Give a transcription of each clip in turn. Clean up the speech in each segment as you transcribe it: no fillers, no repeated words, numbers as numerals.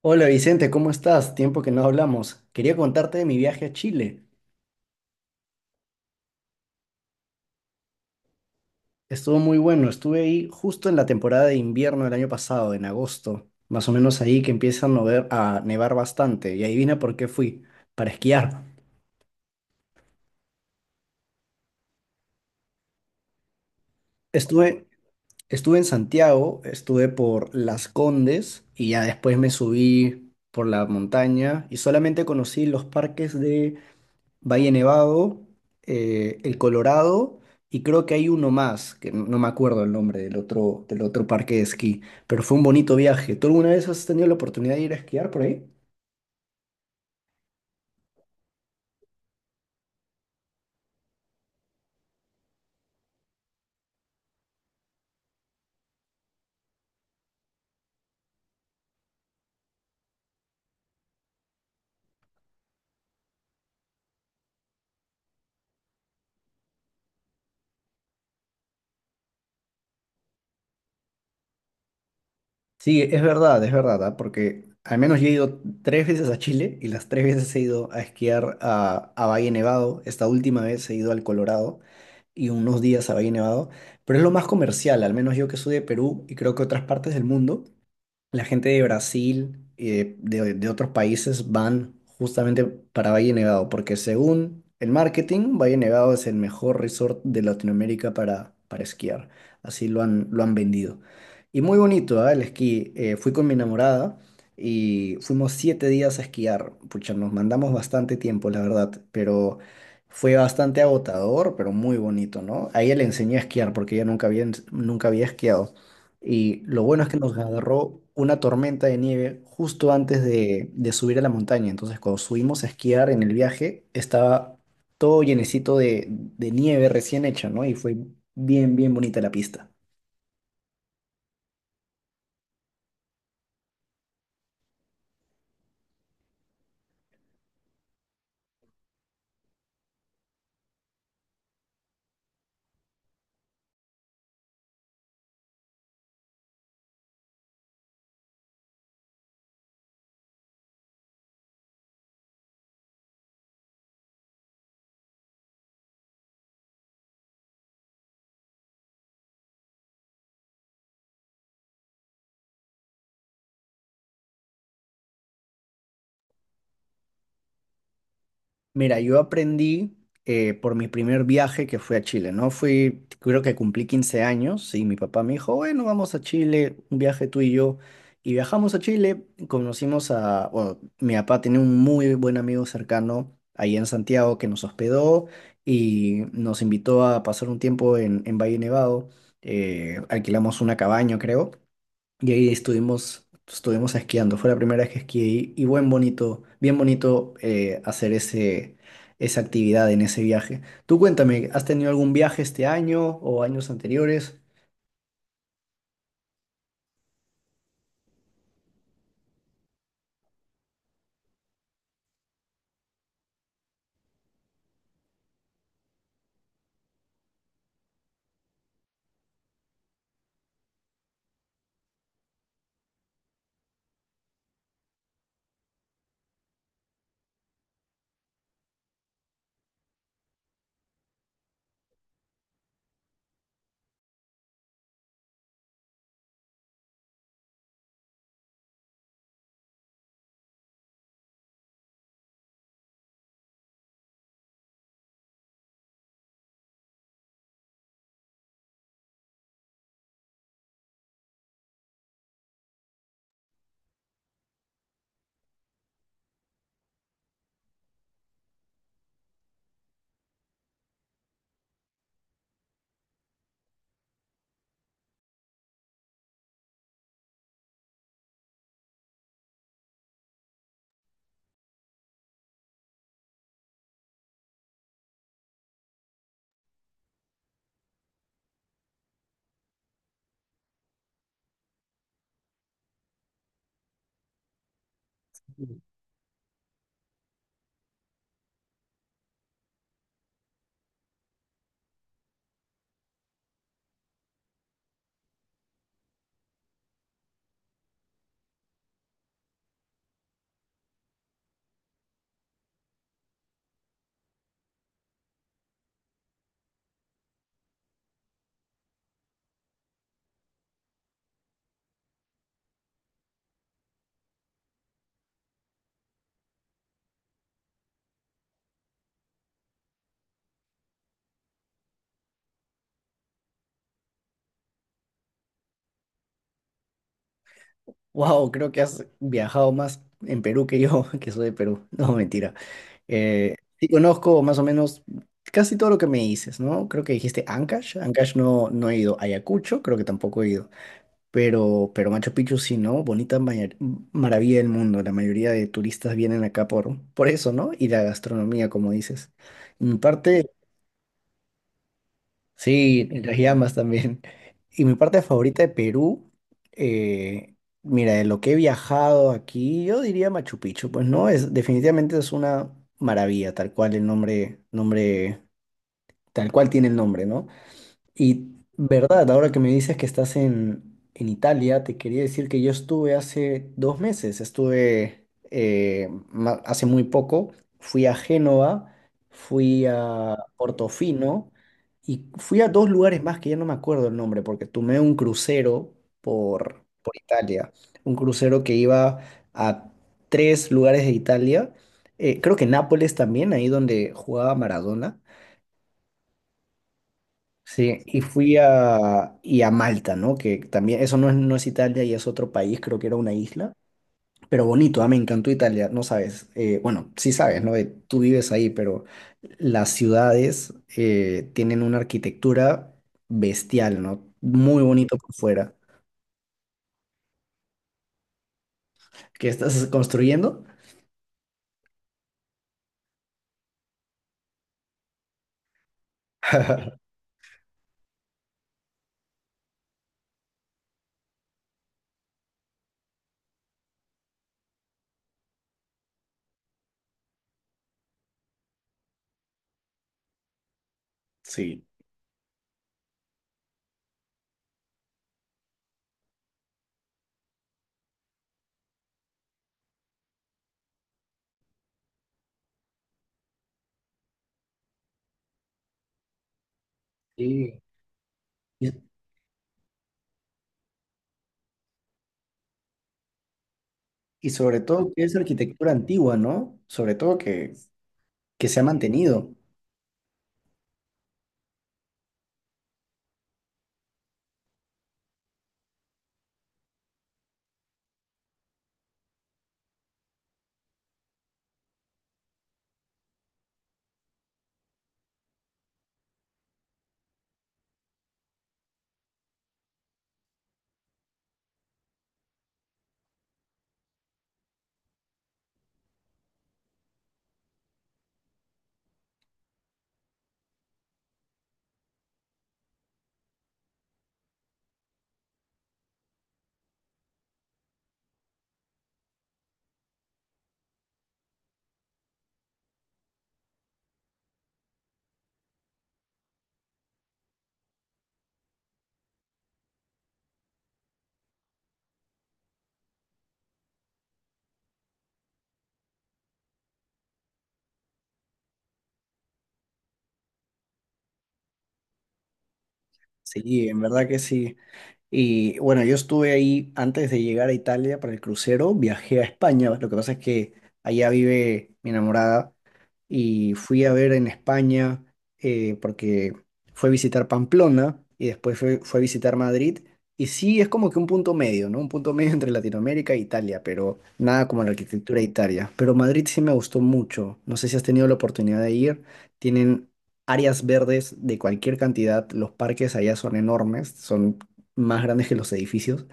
Hola Vicente, ¿cómo estás? Tiempo que no hablamos. Quería contarte de mi viaje a Chile. Estuvo muy bueno. Estuve ahí justo en la temporada de invierno del año pasado, en agosto, más o menos ahí que empieza a nevar bastante. Y adivina por qué fui, para esquiar. Estuve, estuve en Santiago, estuve por Las Condes y ya después me subí por la montaña y solamente conocí los parques Valle Nevado, el Colorado y creo que hay uno más, que no me acuerdo el nombre del otro parque de esquí, pero fue un bonito viaje. ¿Tú alguna vez has tenido la oportunidad de ir a esquiar por ahí? Sí, es verdad, ¿ah? Porque al menos yo he ido tres veces a Chile y las tres veces he ido a esquiar a Valle Nevado. Esta última vez he ido al Colorado y unos días a Valle Nevado, pero es lo más comercial, al menos yo que soy de Perú y creo que otras partes del mundo. La gente de Brasil y de otros países van justamente para Valle Nevado, porque según el marketing, Valle Nevado es el mejor resort de Latinoamérica para esquiar. Así lo han vendido. Y muy bonito, ¿ah? El esquí. Fui con mi enamorada y fuimos 7 días a esquiar. Pucha, nos mandamos bastante tiempo, la verdad, pero fue bastante agotador, pero muy bonito, ¿no? A ella le enseñé a esquiar porque ella nunca había esquiado. Y lo bueno es que nos agarró una tormenta de nieve justo antes de subir a la montaña. Entonces, cuando subimos a esquiar en el viaje, estaba todo llenecito de nieve recién hecha, ¿no? Y fue bien, bien bonita la pista. Mira, yo aprendí por mi primer viaje que fui a Chile, ¿no? Fui, creo que cumplí 15 años y mi papá me dijo, bueno, vamos a Chile, un viaje tú y yo. Y viajamos a Chile, conocimos a, bueno, mi papá tenía un muy buen amigo cercano ahí en Santiago que nos hospedó y nos invitó a pasar un tiempo en Valle Nevado. Alquilamos una cabaña, creo. Y ahí estuvimos esquiando. Fue la primera vez que esquié y bien bonito hacer esa actividad en ese viaje. Tú cuéntame, ¿has tenido algún viaje este año o años anteriores? Wow, creo que has viajado más en Perú que yo, que soy de Perú. No, mentira. Sí conozco más o menos casi todo lo que me dices, ¿no? Creo que dijiste Ancash. Ancash no, no he ido. Ayacucho, creo que tampoco he ido. Pero Machu Picchu sí, ¿no? Bonita maravilla del mundo. La mayoría de turistas vienen acá por eso, ¿no? Y la gastronomía, como dices. Y mi parte, sí, y las llamas también. Y mi parte favorita de Perú, eh, mira, de lo que he viajado aquí, yo diría Machu Picchu. Pues no, es, definitivamente es una maravilla, tal cual el nombre, nombre, tal cual tiene el nombre, ¿no? Y verdad, ahora que me dices que estás en Italia, te quería decir que yo estuve hace 2 meses, hace muy poco, fui a Génova, fui a Portofino y fui a dos lugares más que ya no me acuerdo el nombre, porque tomé un crucero por Italia, un crucero que iba a tres lugares de Italia, creo que Nápoles también, ahí donde jugaba Maradona. Sí, y fui y a Malta, ¿no? Que también, eso no es Italia y es otro país, creo que era una isla, pero bonito, ah, me encantó Italia, no sabes, bueno, sí sabes, ¿no? Tú vives ahí, pero las ciudades tienen una arquitectura bestial, ¿no? Muy bonito por fuera. ¿Qué estás construyendo? Sí. Sí. Y, y sobre todo que es arquitectura antigua, ¿no? Sobre todo que se ha mantenido. Sí, en verdad que sí. Y bueno, yo estuve ahí antes de llegar a Italia para el crucero, viajé a España, lo que pasa es que allá vive mi enamorada y fui a ver en España porque fue a visitar Pamplona y después fue a visitar Madrid. Y sí, es como que un punto medio, ¿no? Un punto medio entre Latinoamérica e Italia, pero nada como la arquitectura de Italia. Pero Madrid sí me gustó mucho. No sé si has tenido la oportunidad de ir. Tienen áreas verdes de cualquier cantidad. Los parques allá son enormes, son más grandes que los edificios.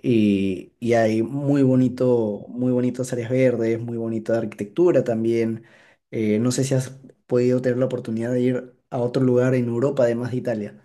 Y hay muy bonitas áreas verdes, muy bonita arquitectura también. No sé si has podido tener la oportunidad de ir a otro lugar en Europa, además de Italia.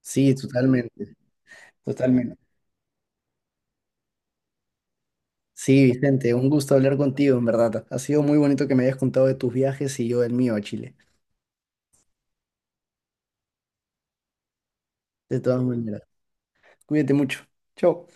Sí, totalmente, totalmente. Sí, Vicente, un gusto hablar contigo, en verdad. Ha sido muy bonito que me hayas contado de tus viajes y yo del mío a Chile. De todas maneras, cuídate mucho. Chao.